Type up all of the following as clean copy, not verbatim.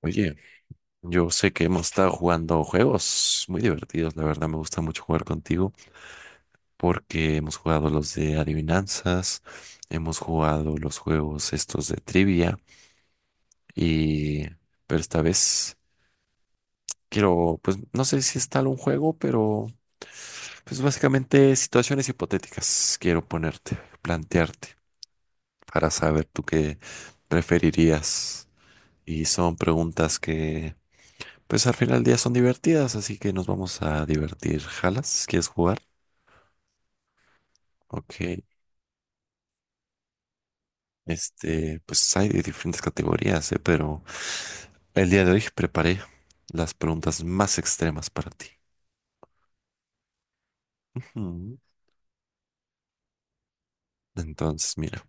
Oye, yo sé que hemos estado jugando juegos muy divertidos, la verdad me gusta mucho jugar contigo porque hemos jugado los de adivinanzas, hemos jugado los juegos estos de trivia y pero esta vez quiero, pues no sé si es tal un juego, pero pues básicamente situaciones hipotéticas quiero ponerte, plantearte para saber tú qué preferirías, y son preguntas que Pues al final del día son divertidas, así que nos vamos a divertir. ¿Jalas? ¿Quieres jugar? Ok. Este, pues hay de diferentes categorías, ¿eh? Pero el día de hoy preparé las preguntas más extremas para ti. Ujú. Entonces, mira,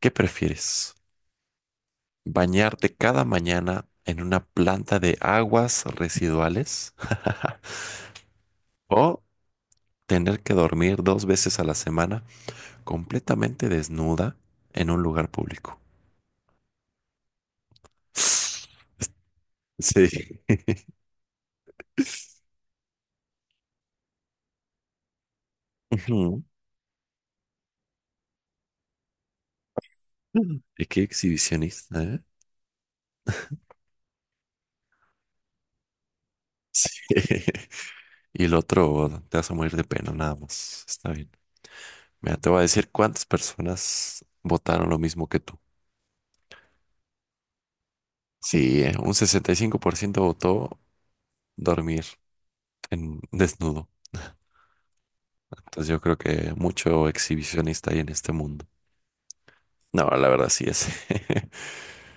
¿qué prefieres? ¿Bañarte cada mañana en una planta de aguas residuales o tener que dormir 2 veces a la semana completamente desnuda en un lugar público? Sí. Es que exhibicionista, ¿eh? Y el otro, te vas a morir de pena, nada más. Está bien. Mira, te voy a decir cuántas personas votaron lo mismo que tú. Sí, un 65% votó dormir en desnudo. Entonces yo creo que mucho exhibicionista hay en este mundo. No, la verdad sí es.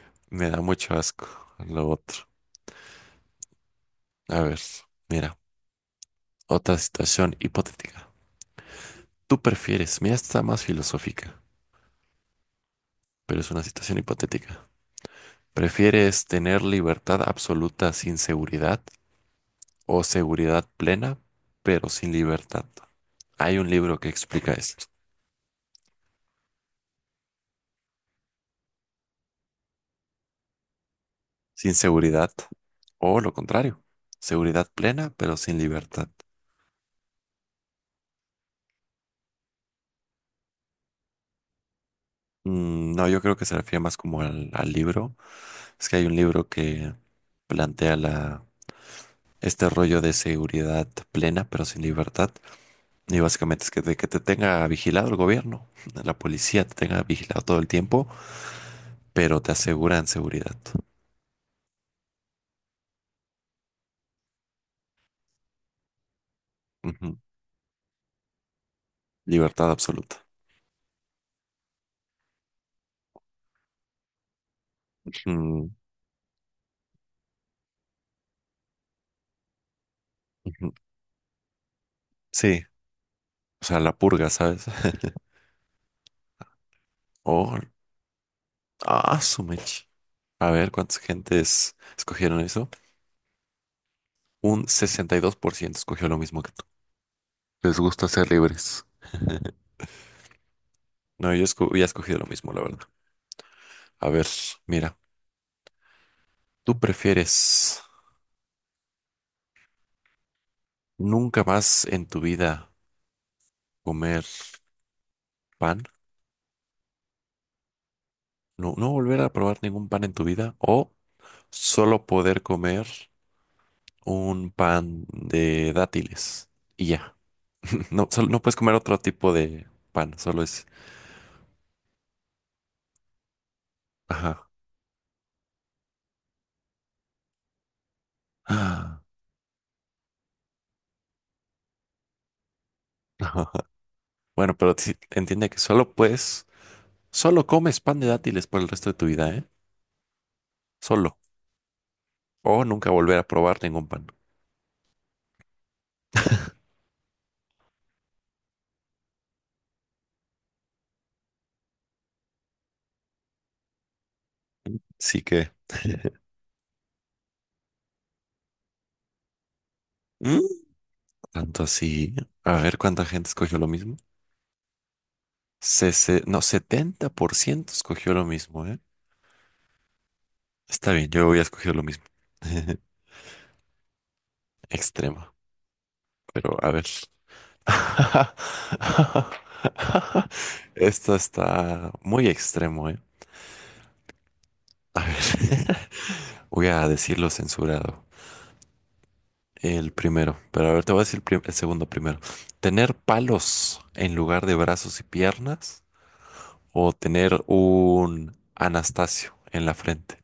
Me da mucho asco lo otro. A ver, mira, otra situación hipotética. ¿Tú prefieres? Mira, esta está más filosófica, pero es una situación hipotética. ¿Prefieres tener libertad absoluta sin seguridad, o seguridad plena pero sin libertad? Hay un libro que explica esto. Sin seguridad, o lo contrario, seguridad plena pero sin libertad. No, yo creo que se refiere más como al libro. Es que hay un libro que plantea la, este rollo de seguridad plena pero sin libertad. Y básicamente es que te, tenga vigilado el gobierno, la policía te tenga vigilado todo el tiempo, pero te aseguran seguridad. Ujú. Libertad absoluta. Mm, ujú. Sí, o sea, la purga, ¿sabes? Oh, ah, su mecha. A ver, ¿cuántas gentes escogieron eso? Un 62% escogió lo mismo que tú. Les gusta ser libres. No, yo hubiera escogido lo mismo, la verdad. A ver, mira, ¿tú prefieres nunca más en tu vida comer pan? No, no volver a probar ningún pan en tu vida, o solo poder comer un pan de dátiles y ya. No, solo, no puedes comer otro tipo de pan, solo es. Ajá. Ah, ajá. Bueno, pero sí, entiende que solo puedes, solo comes pan de dátiles por el resto de tu vida, ¿eh? Solo. O nunca volver a probar ningún pan. Así que. Mm, Tanto así. A ver cuánta gente escogió lo mismo. No, 70% escogió lo mismo, ¿eh? Está bien, yo voy a escoger lo mismo. Extremo. Pero a ver. Esto está muy extremo, ¿eh? A ver, voy a decirlo censurado. El primero, pero a ver, te voy a decir el segundo primero. ¿Tener palos en lugar de brazos y piernas, o tener un Anastasio en la frente?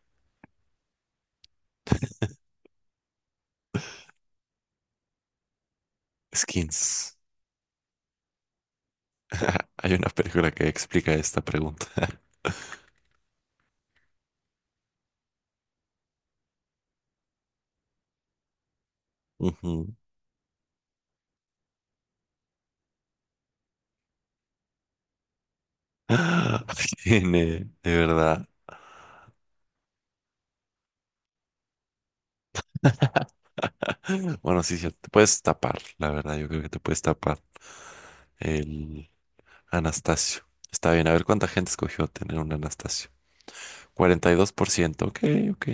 Skins. Hay una película que explica esta pregunta. Ujú. Tiene, de verdad. Bueno, sí, sí, te puedes tapar, la verdad, yo creo que te puedes tapar el Anastasio. Está bien, a ver cuánta gente escogió tener un Anastasio. 42%. Ok, ok.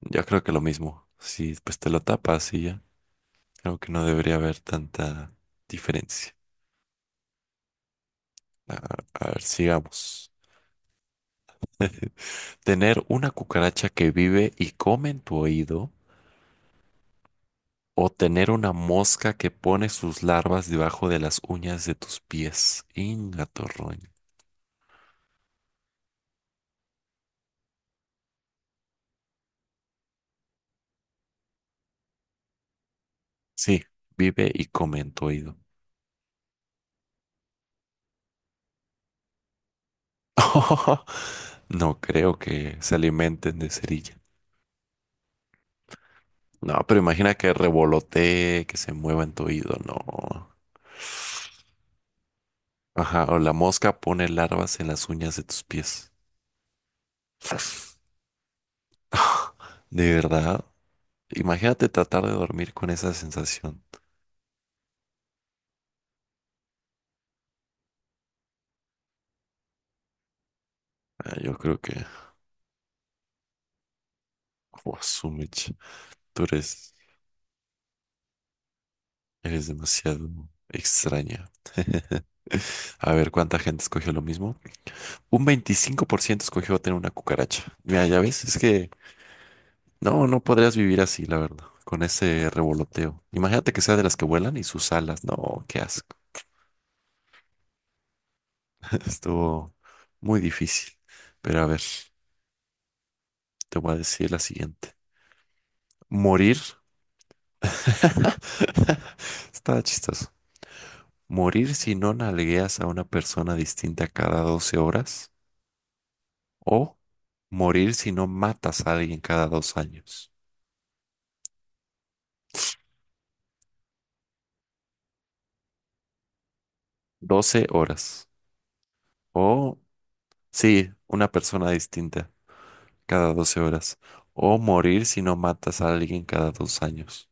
Yo creo que lo mismo. Si pues te lo tapas y ya. Creo que no debería haber tanta diferencia. A, a ver, sigamos. Tener una cucaracha que vive y come en tu oído, o tener una mosca que pone sus larvas debajo de las uñas de tus pies. Ingatorroño. Sí, vive y come en tu oído. No creo que se alimenten de cerilla. No, pero imagina que revolotee, que se mueva en tu oído, no. Ajá, o la mosca pone larvas en las uñas de tus pies. De verdad, imagínate tratar de dormir con esa sensación. Ah, yo creo que, oh, su mecha, tú eres demasiado extraña. A ver, ¿cuánta gente escogió lo mismo? Un 25% escogió tener una cucaracha. Mira, ya ves, es que. No, no podrías vivir así, la verdad, con ese revoloteo. Imagínate que sea de las que vuelan y sus alas. No, qué asco. Estuvo muy difícil. Pero a ver, te voy a decir la siguiente. Morir. Está chistoso. Morir si no nalgueas a una persona distinta cada 12 horas. O morir si no matas a alguien cada 2 años. 12 horas. O sí, una persona distinta cada 12 horas. O morir si no matas a alguien cada dos años.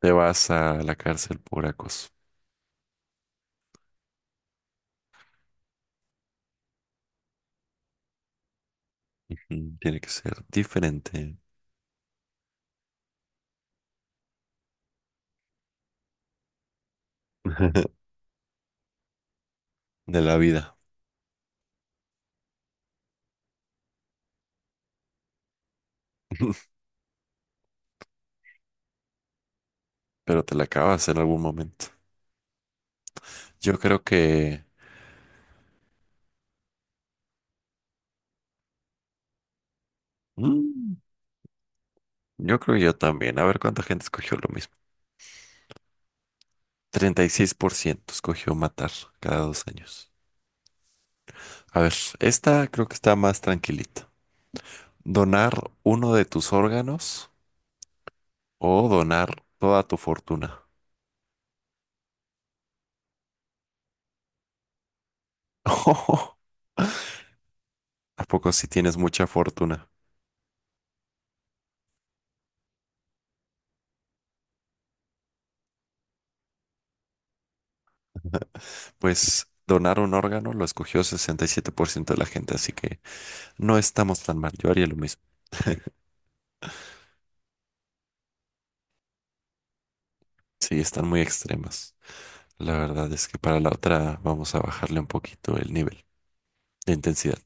Te vas a la cárcel por acoso. Ujú. Tiene que ser diferente de la vida, pero te la acabas en algún momento. Yo creo que. mm, yo creo que yo también. A ver cuánta gente escogió lo mismo. 36% escogió matar cada 2 años. A ver, esta creo que está más tranquilita. ¿Donar uno de tus órganos o donar toda tu fortuna? ¿A poco si tienes mucha fortuna? Pues donar un órgano lo escogió 67% de la gente, así que no estamos tan mal. Yo haría lo mismo. Sí, están muy extremas. La verdad es que para la otra vamos a bajarle un poquito el nivel de intensidad.